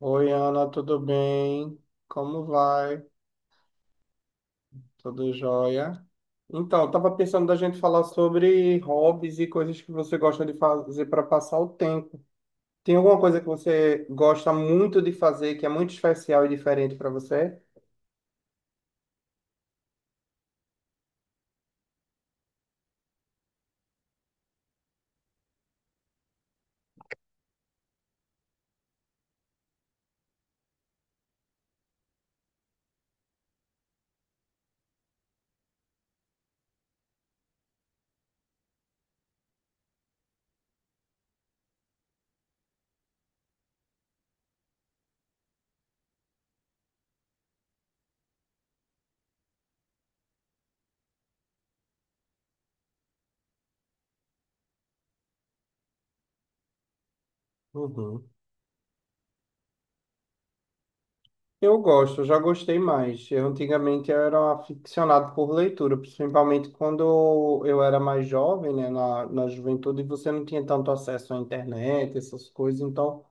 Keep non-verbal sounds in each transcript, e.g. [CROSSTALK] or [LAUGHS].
Oi, Ana, tudo bem? Como vai? Tudo jóia? Então, eu tava pensando da gente falar sobre hobbies e coisas que você gosta de fazer para passar o tempo. Tem alguma coisa que você gosta muito de fazer que é muito especial e diferente para você? Uhum. Eu gosto, eu já gostei mais. Eu antigamente eu era aficionado por leitura, principalmente quando eu era mais jovem, né, na juventude, você não tinha tanto acesso à internet, essas coisas, então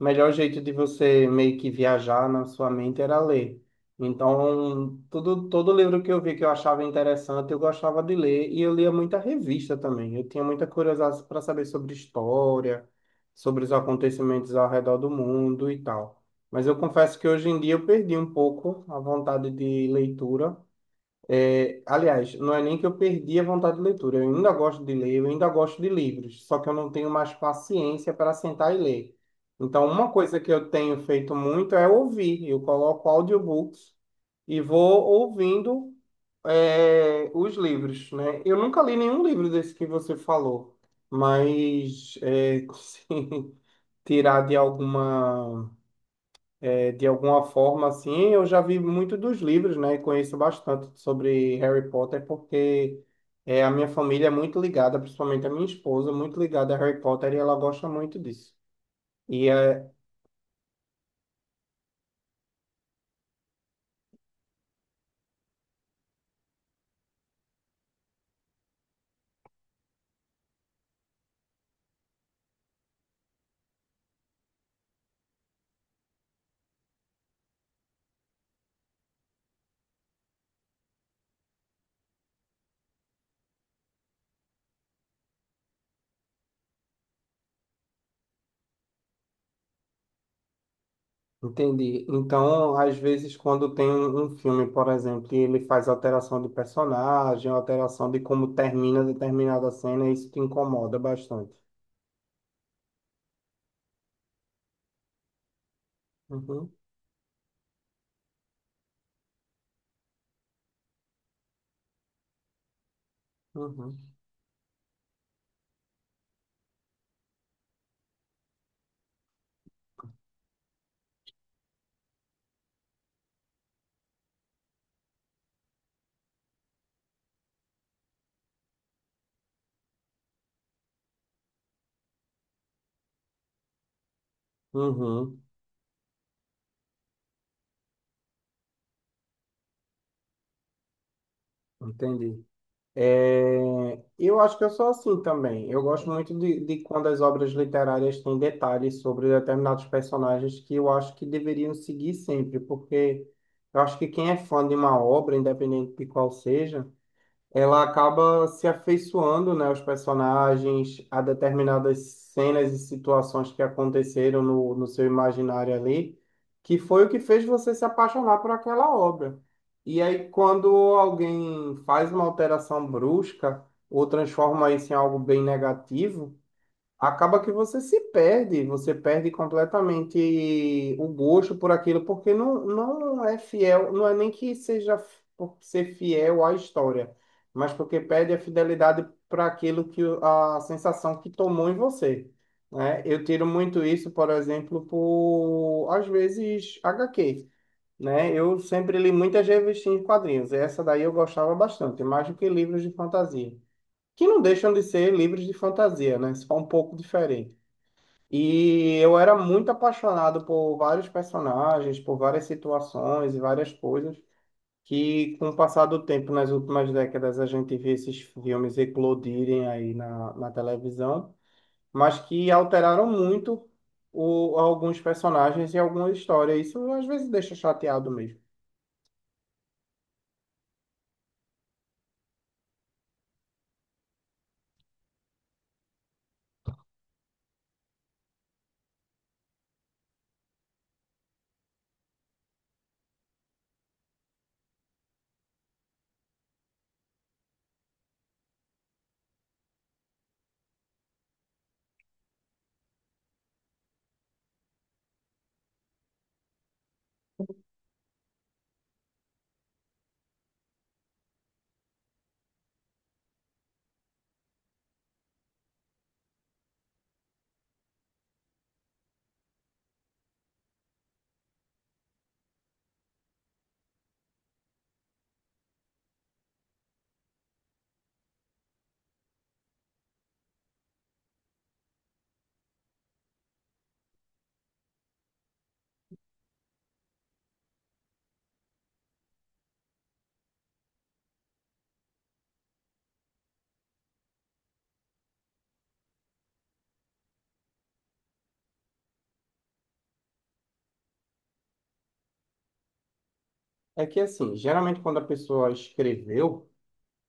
o melhor jeito de você meio que viajar na sua mente era ler. Então, tudo, todo livro que eu vi que eu achava interessante, eu gostava de ler e eu lia muita revista também. Eu tinha muita curiosidade para saber sobre história, sobre os acontecimentos ao redor do mundo e tal. Mas eu confesso que hoje em dia eu perdi um pouco a vontade de leitura. É, aliás, não é nem que eu perdi a vontade de leitura, eu ainda gosto de ler, eu ainda gosto de livros, só que eu não tenho mais paciência para sentar e ler. Então, uma coisa que eu tenho feito muito é ouvir. Eu coloco audiobooks e vou ouvindo, os livros, né? Eu nunca li nenhum livro desse que você falou, mas [LAUGHS] se tirar de alguma. É, de alguma forma, assim, eu já vi muito dos livros, né? E conheço bastante sobre Harry Potter, porque a minha família é muito ligada, principalmente a minha esposa, muito ligada a Harry Potter e ela gosta muito disso. E é, entendi. Então, às vezes, quando tem um filme, por exemplo, e ele faz alteração de personagem, alteração de como termina determinada cena, isso te incomoda bastante. Uhum, uhum, uhum, entendi. É, eu acho que eu sou assim também. Eu gosto muito de quando as obras literárias têm detalhes sobre determinados personagens que eu acho que deveriam seguir sempre, porque eu acho que quem é fã de uma obra, independente de qual seja, ela acaba se afeiçoando, né, aos personagens, a determinadas cenas e situações que aconteceram no seu imaginário ali, que foi o que fez você se apaixonar por aquela obra. E aí, quando alguém faz uma alteração brusca ou transforma isso em algo bem negativo, acaba que você se perde, você perde completamente o gosto por aquilo, porque não, não é fiel, não é nem que seja f- por ser fiel à história, mas porque perde a fidelidade para aquilo que o- a sensação que tomou em você. Né? Eu tiro muito isso, por exemplo, por às vezes HQ. Né? Eu sempre li muitas revistinhas de quadrinhos. E essa daí eu gostava bastante, mais do que livros de fantasia que não deixam de ser livros de fantasia, né? Só um pouco diferente. E eu era muito apaixonado por vários personagens, por várias situações e várias coisas que, com o passar do tempo, nas últimas décadas, a gente vê esses filmes eclodirem aí na televisão, mas que alteraram muito o, alguns personagens e alguma história. Isso às vezes deixa chateado mesmo. É que, assim, geralmente quando a pessoa escreveu,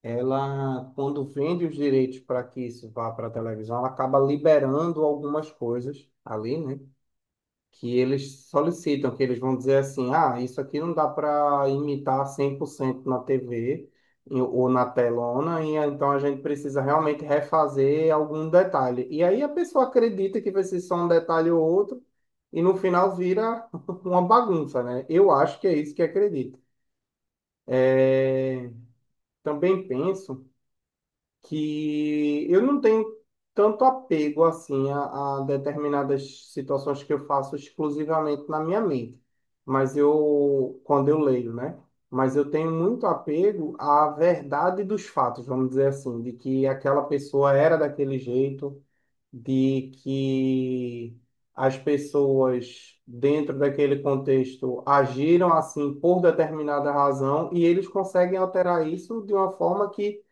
ela, quando vende os direitos para que isso vá para a televisão, ela acaba liberando algumas coisas ali, né? Que eles solicitam, que eles vão dizer assim: ah, isso aqui não dá para imitar 100% na TV e- ou na telona, e então a gente precisa realmente refazer algum detalhe. E aí a pessoa acredita que vai ser só um detalhe ou outro. E no final vira [LAUGHS] uma bagunça, né? Eu acho que é isso que acredito. É, também penso que eu não tenho tanto apego assim a determinadas situações que eu faço exclusivamente na minha mente, mas eu quando eu leio, né? Mas eu tenho muito apego à verdade dos fatos, vamos dizer assim, de que aquela pessoa era daquele jeito, de que as pessoas dentro daquele contexto agiram assim por determinada razão e eles conseguem alterar isso de uma forma que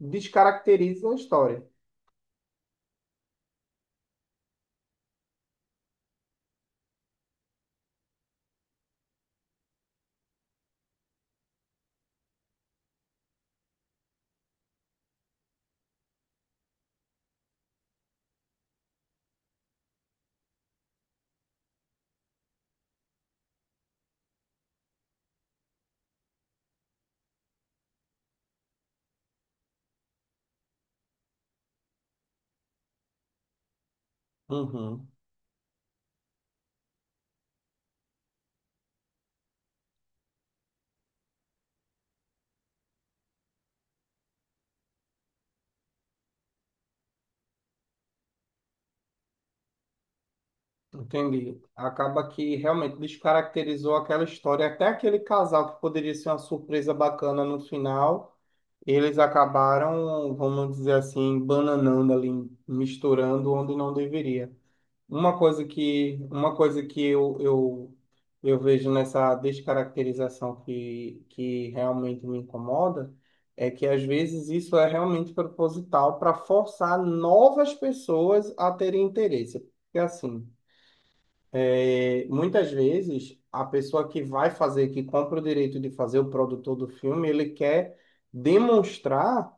descaracterizam a história. Uhum, entendi. Acaba que realmente descaracterizou aquela história. Até aquele casal que poderia ser uma surpresa bacana no final, eles acabaram, vamos dizer assim, bananando ali, misturando onde não deveria. Uma coisa que eu vejo nessa descaracterização que realmente me incomoda é que às vezes isso é realmente proposital para forçar novas pessoas a terem interesse. Porque assim, muitas vezes, a pessoa que vai fazer, que compra o direito de fazer o produtor do filme, ele quer demonstrar,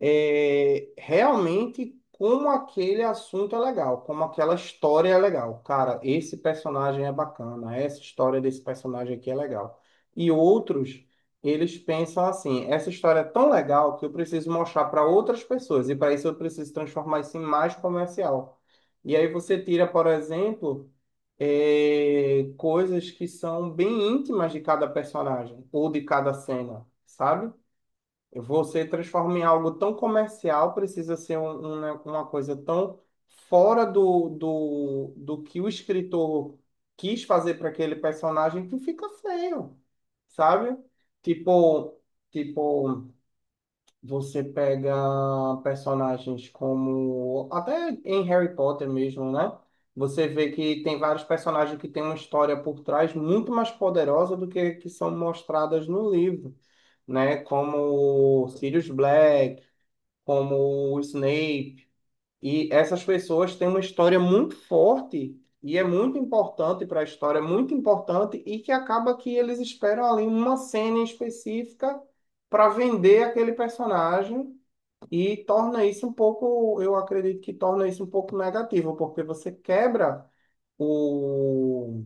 realmente como aquele assunto é legal, como aquela história é legal. Cara, esse personagem é bacana, essa história desse personagem aqui é legal. E outros, eles pensam assim: essa história é tão legal que eu preciso mostrar para outras pessoas, e para isso eu preciso transformar isso em mais comercial. E aí você tira, por exemplo coisas que são bem íntimas de cada personagem ou de cada cena, sabe? Você transforma em algo tão comercial, precisa ser um- uma coisa tão fora do que o escritor quis fazer para aquele personagem que fica feio, sabe? Tipo, tipo. Você pega personagens como. Até em Harry Potter mesmo, né? Você vê que tem vários personagens que têm uma história por trás muito mais poderosa do que são mostradas no livro, né? Como Sirius Black, como o Snape. E essas pessoas têm uma história muito forte e é muito importante para a história, é muito importante e que acaba que eles esperam ali uma cena em específica para vender aquele personagem e torna isso um pouco, eu acredito que torna isso um pouco negativo, porque você quebra o,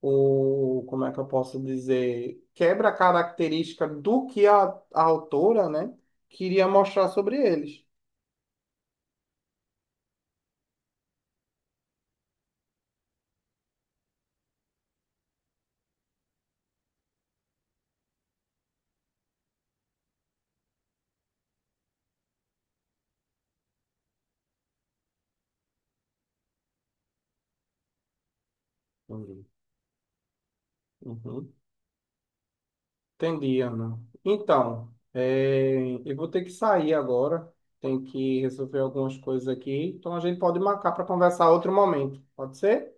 o, como é que eu posso dizer, quebra a característica do que a autora, né, queria mostrar sobre eles. Entendi. Uhum. Entendi, Ana. Então, eu vou ter que sair agora, tem que resolver algumas coisas aqui, então a gente pode marcar para conversar outro momento, pode ser?